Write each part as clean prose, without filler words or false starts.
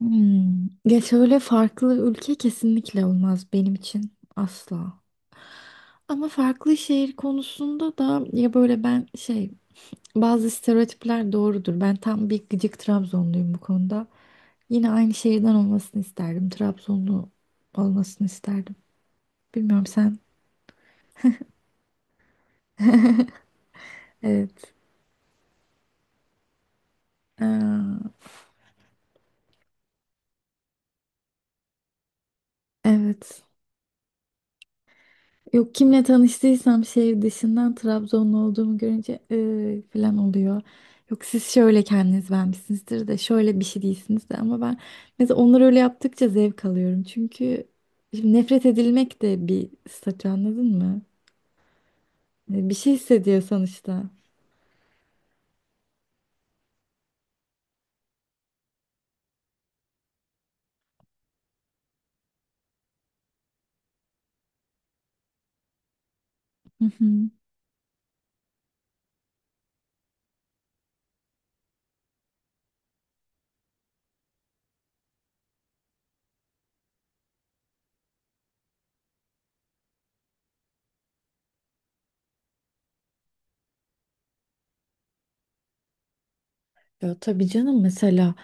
Hmm. Ya şöyle farklı ülke kesinlikle olmaz benim için asla. Ama farklı şehir konusunda da ya böyle ben bazı stereotipler doğrudur. Ben tam bir gıcık Trabzonluyum bu konuda. Yine aynı şehirden olmasını isterdim. Trabzonlu olmasını isterdim. Bilmiyorum sen. Evet. Aa, evet. Yok kimle tanıştıysam şehir dışından Trabzonlu olduğumu görünce falan oluyor. Yok siz şöyle kendiniz vermişsinizdir de şöyle bir şey değilsiniz de ama ben mesela onları öyle yaptıkça zevk alıyorum. Çünkü şimdi nefret edilmek de bir statü, anladın mı? Bir şey hissediyor sonuçta. Hı hı. Ya tabii canım, mesela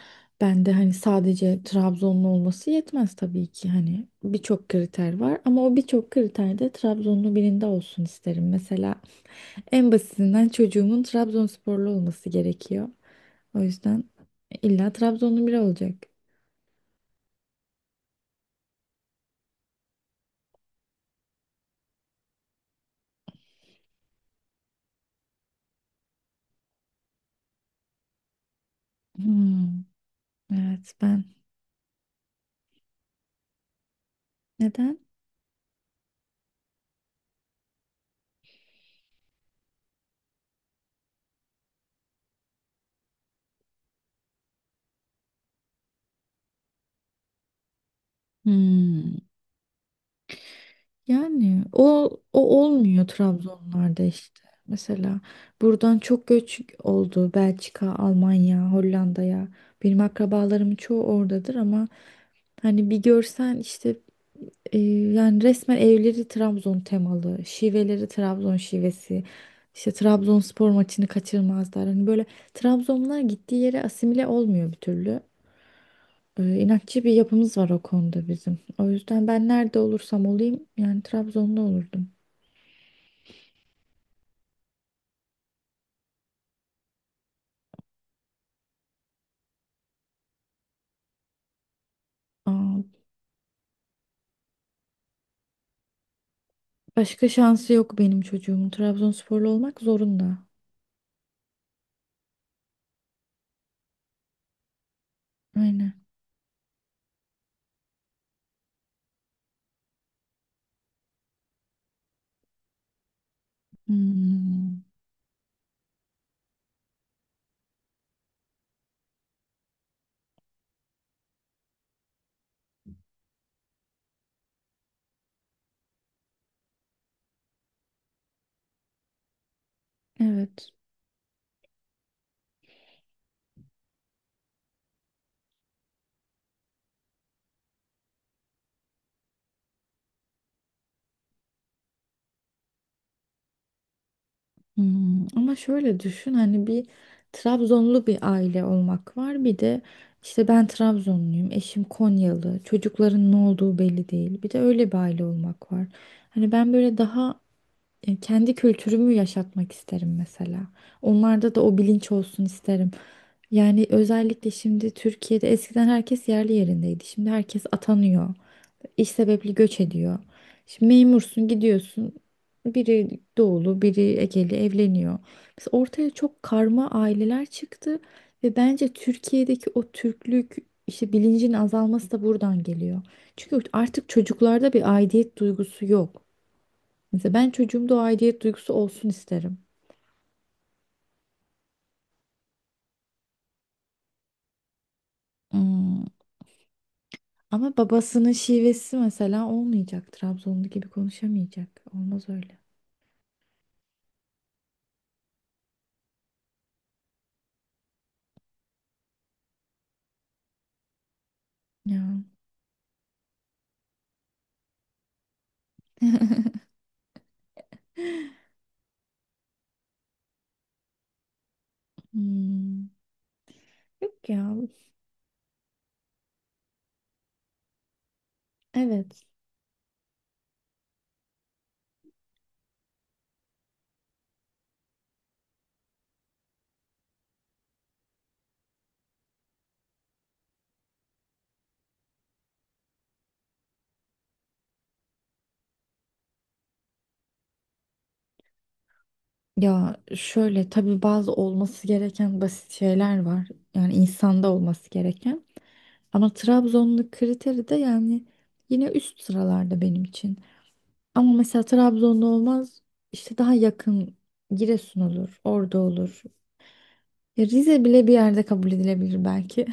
ben de hani sadece Trabzonlu olması yetmez tabii ki, hani birçok kriter var ama o birçok kriterde Trabzonlu birinde olsun isterim. Mesela en basitinden çocuğumun Trabzonsporlu olması gerekiyor. O yüzden illa Trabzonlu biri olacak. Hmm, evet ben. Neden? Hmm, yani o olmuyor Trabzonlarda işte. Mesela buradan çok göç oldu Belçika, Almanya, Hollanda'ya. Benim akrabalarımın çoğu oradadır ama hani bir görsen işte. Ee, Yani resmen evleri Trabzon temalı, şiveleri Trabzon şivesi. İşte Trabzonspor maçını kaçırmazlar. Hani böyle Trabzonlar gittiği yere asimile olmuyor bir türlü. İnatçı bir yapımız var o konuda bizim. O yüzden ben nerede olursam olayım yani Trabzon'da olurdum. Aa, başka şansı yok benim çocuğumun. Trabzonsporlu olmak zorunda. Aynen. Hmm. Evet. Ama şöyle düşün, hani bir Trabzonlu bir aile olmak var, bir de işte ben Trabzonluyum, eşim Konyalı, çocukların ne olduğu belli değil, bir de öyle bir aile olmak var. Hani ben böyle daha kendi kültürümü yaşatmak isterim mesela, onlarda da o bilinç olsun isterim. Yani özellikle şimdi Türkiye'de eskiden herkes yerli yerindeydi, şimdi herkes atanıyor, İş sebebiyle göç ediyor. Şimdi memursun, gidiyorsun. Biri doğulu, biri Egeli evleniyor. Mesela ortaya çok karma aileler çıktı ve bence Türkiye'deki o Türklük işte bilincin azalması da buradan geliyor. Çünkü artık çocuklarda bir aidiyet duygusu yok. Mesela ben çocuğumda o aidiyet duygusu olsun isterim. Hmm, Ama babasının şivesi mesela olmayacak. Trabzonlu gibi konuşamayacak. Olmaz öyle. Ya. Hmm, yok ya. Evet. Ya şöyle tabii bazı olması gereken basit şeyler var. Yani insanda olması gereken. Ama Trabzonlu kriteri de yani yine üst sıralarda benim için. Ama mesela Trabzonlu olmaz, işte daha yakın Giresun olur, Ordu olur. Ya Rize bile bir yerde kabul edilebilir belki.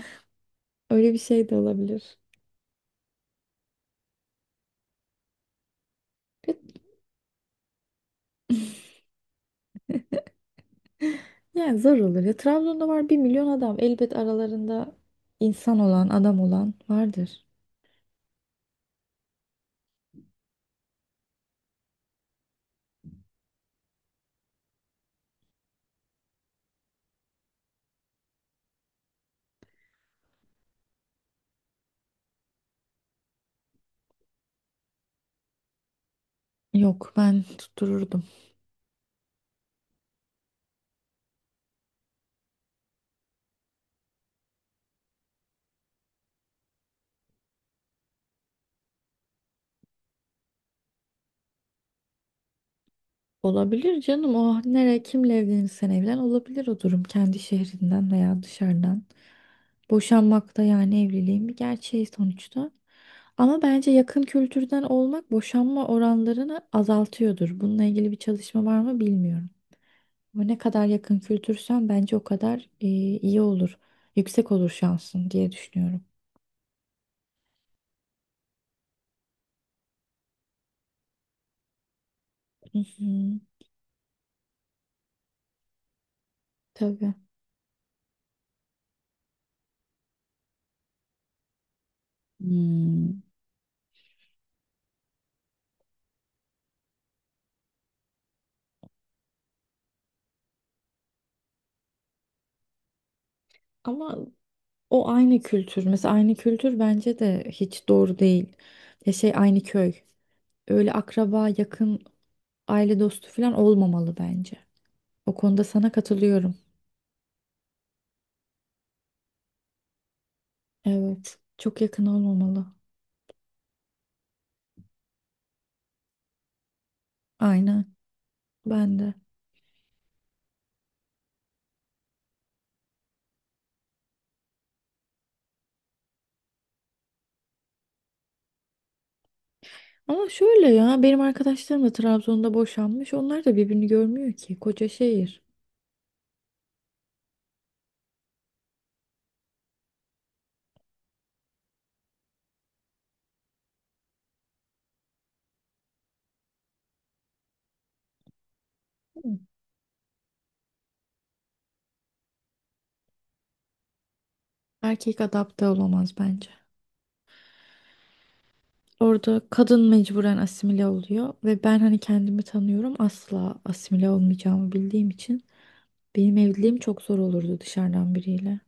Öyle bir şey de olabilir. Ve yani zor olur. Ya Trabzon'da var bir milyon adam. Elbet aralarında insan olan, adam olan vardır. Yok, ben tuttururdum. Olabilir canım, o nereye kimle evlenirsen evlen olabilir o durum, kendi şehrinden veya dışarıdan. Boşanmak da yani evliliğin bir gerçeği sonuçta. Ama bence yakın kültürden olmak boşanma oranlarını azaltıyordur. Bununla ilgili bir çalışma var mı bilmiyorum. Ama ne kadar yakın kültürsen bence o kadar iyi olur. Yüksek olur şansın diye düşünüyorum. Hı hı, tabii. Hmm. Ama o aynı kültür. Mesela aynı kültür bence de hiç doğru değil. Ya şey aynı köy. Öyle akraba, yakın, aile dostu falan olmamalı bence. O konuda sana katılıyorum. Evet. Çok yakın olmamalı. Aynen. Ben de. Ama şöyle ya, benim arkadaşlarım da Trabzon'da boşanmış. Onlar da birbirini görmüyor ki. Koca şehir. Hı. Erkek adapte olamaz bence. Orada kadın mecburen asimile oluyor ve ben hani kendimi tanıyorum, asla asimile olmayacağımı bildiğim için benim evliliğim çok zor olurdu dışarıdan biriyle.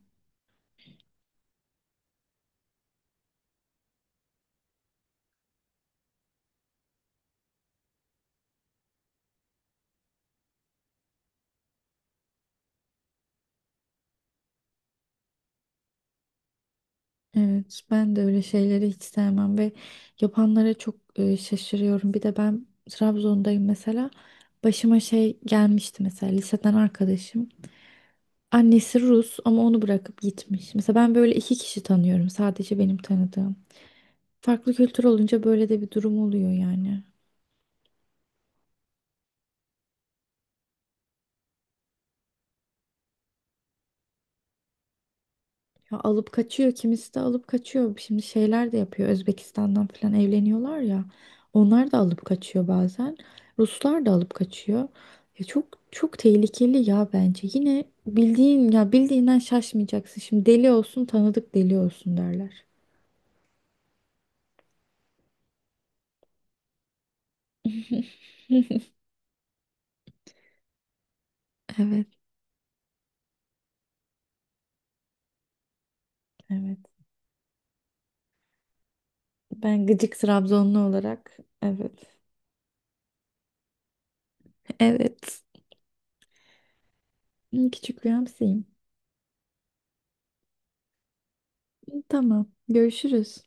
Evet, ben de öyle şeyleri hiç sevmem ve yapanlara çok şaşırıyorum. Bir de ben Trabzon'dayım mesela. Başıma şey gelmişti, mesela liseden arkadaşım. Annesi Rus ama onu bırakıp gitmiş. Mesela ben böyle iki kişi tanıyorum. Sadece benim tanıdığım. Farklı kültür olunca böyle de bir durum oluyor yani. Ya alıp kaçıyor. Kimisi de alıp kaçıyor. Şimdi şeyler de yapıyor. Özbekistan'dan falan evleniyorlar ya. Onlar da alıp kaçıyor bazen. Ruslar da alıp kaçıyor. Ya çok çok tehlikeli ya bence. Yine bildiğin, ya bildiğinden şaşmayacaksın. Şimdi deli olsun tanıdık deli olsun derler. Evet, evet. Ben gıcık Trabzonlu olarak, evet. Evet. Küçük bir hamsiyim. Tamam. Görüşürüz.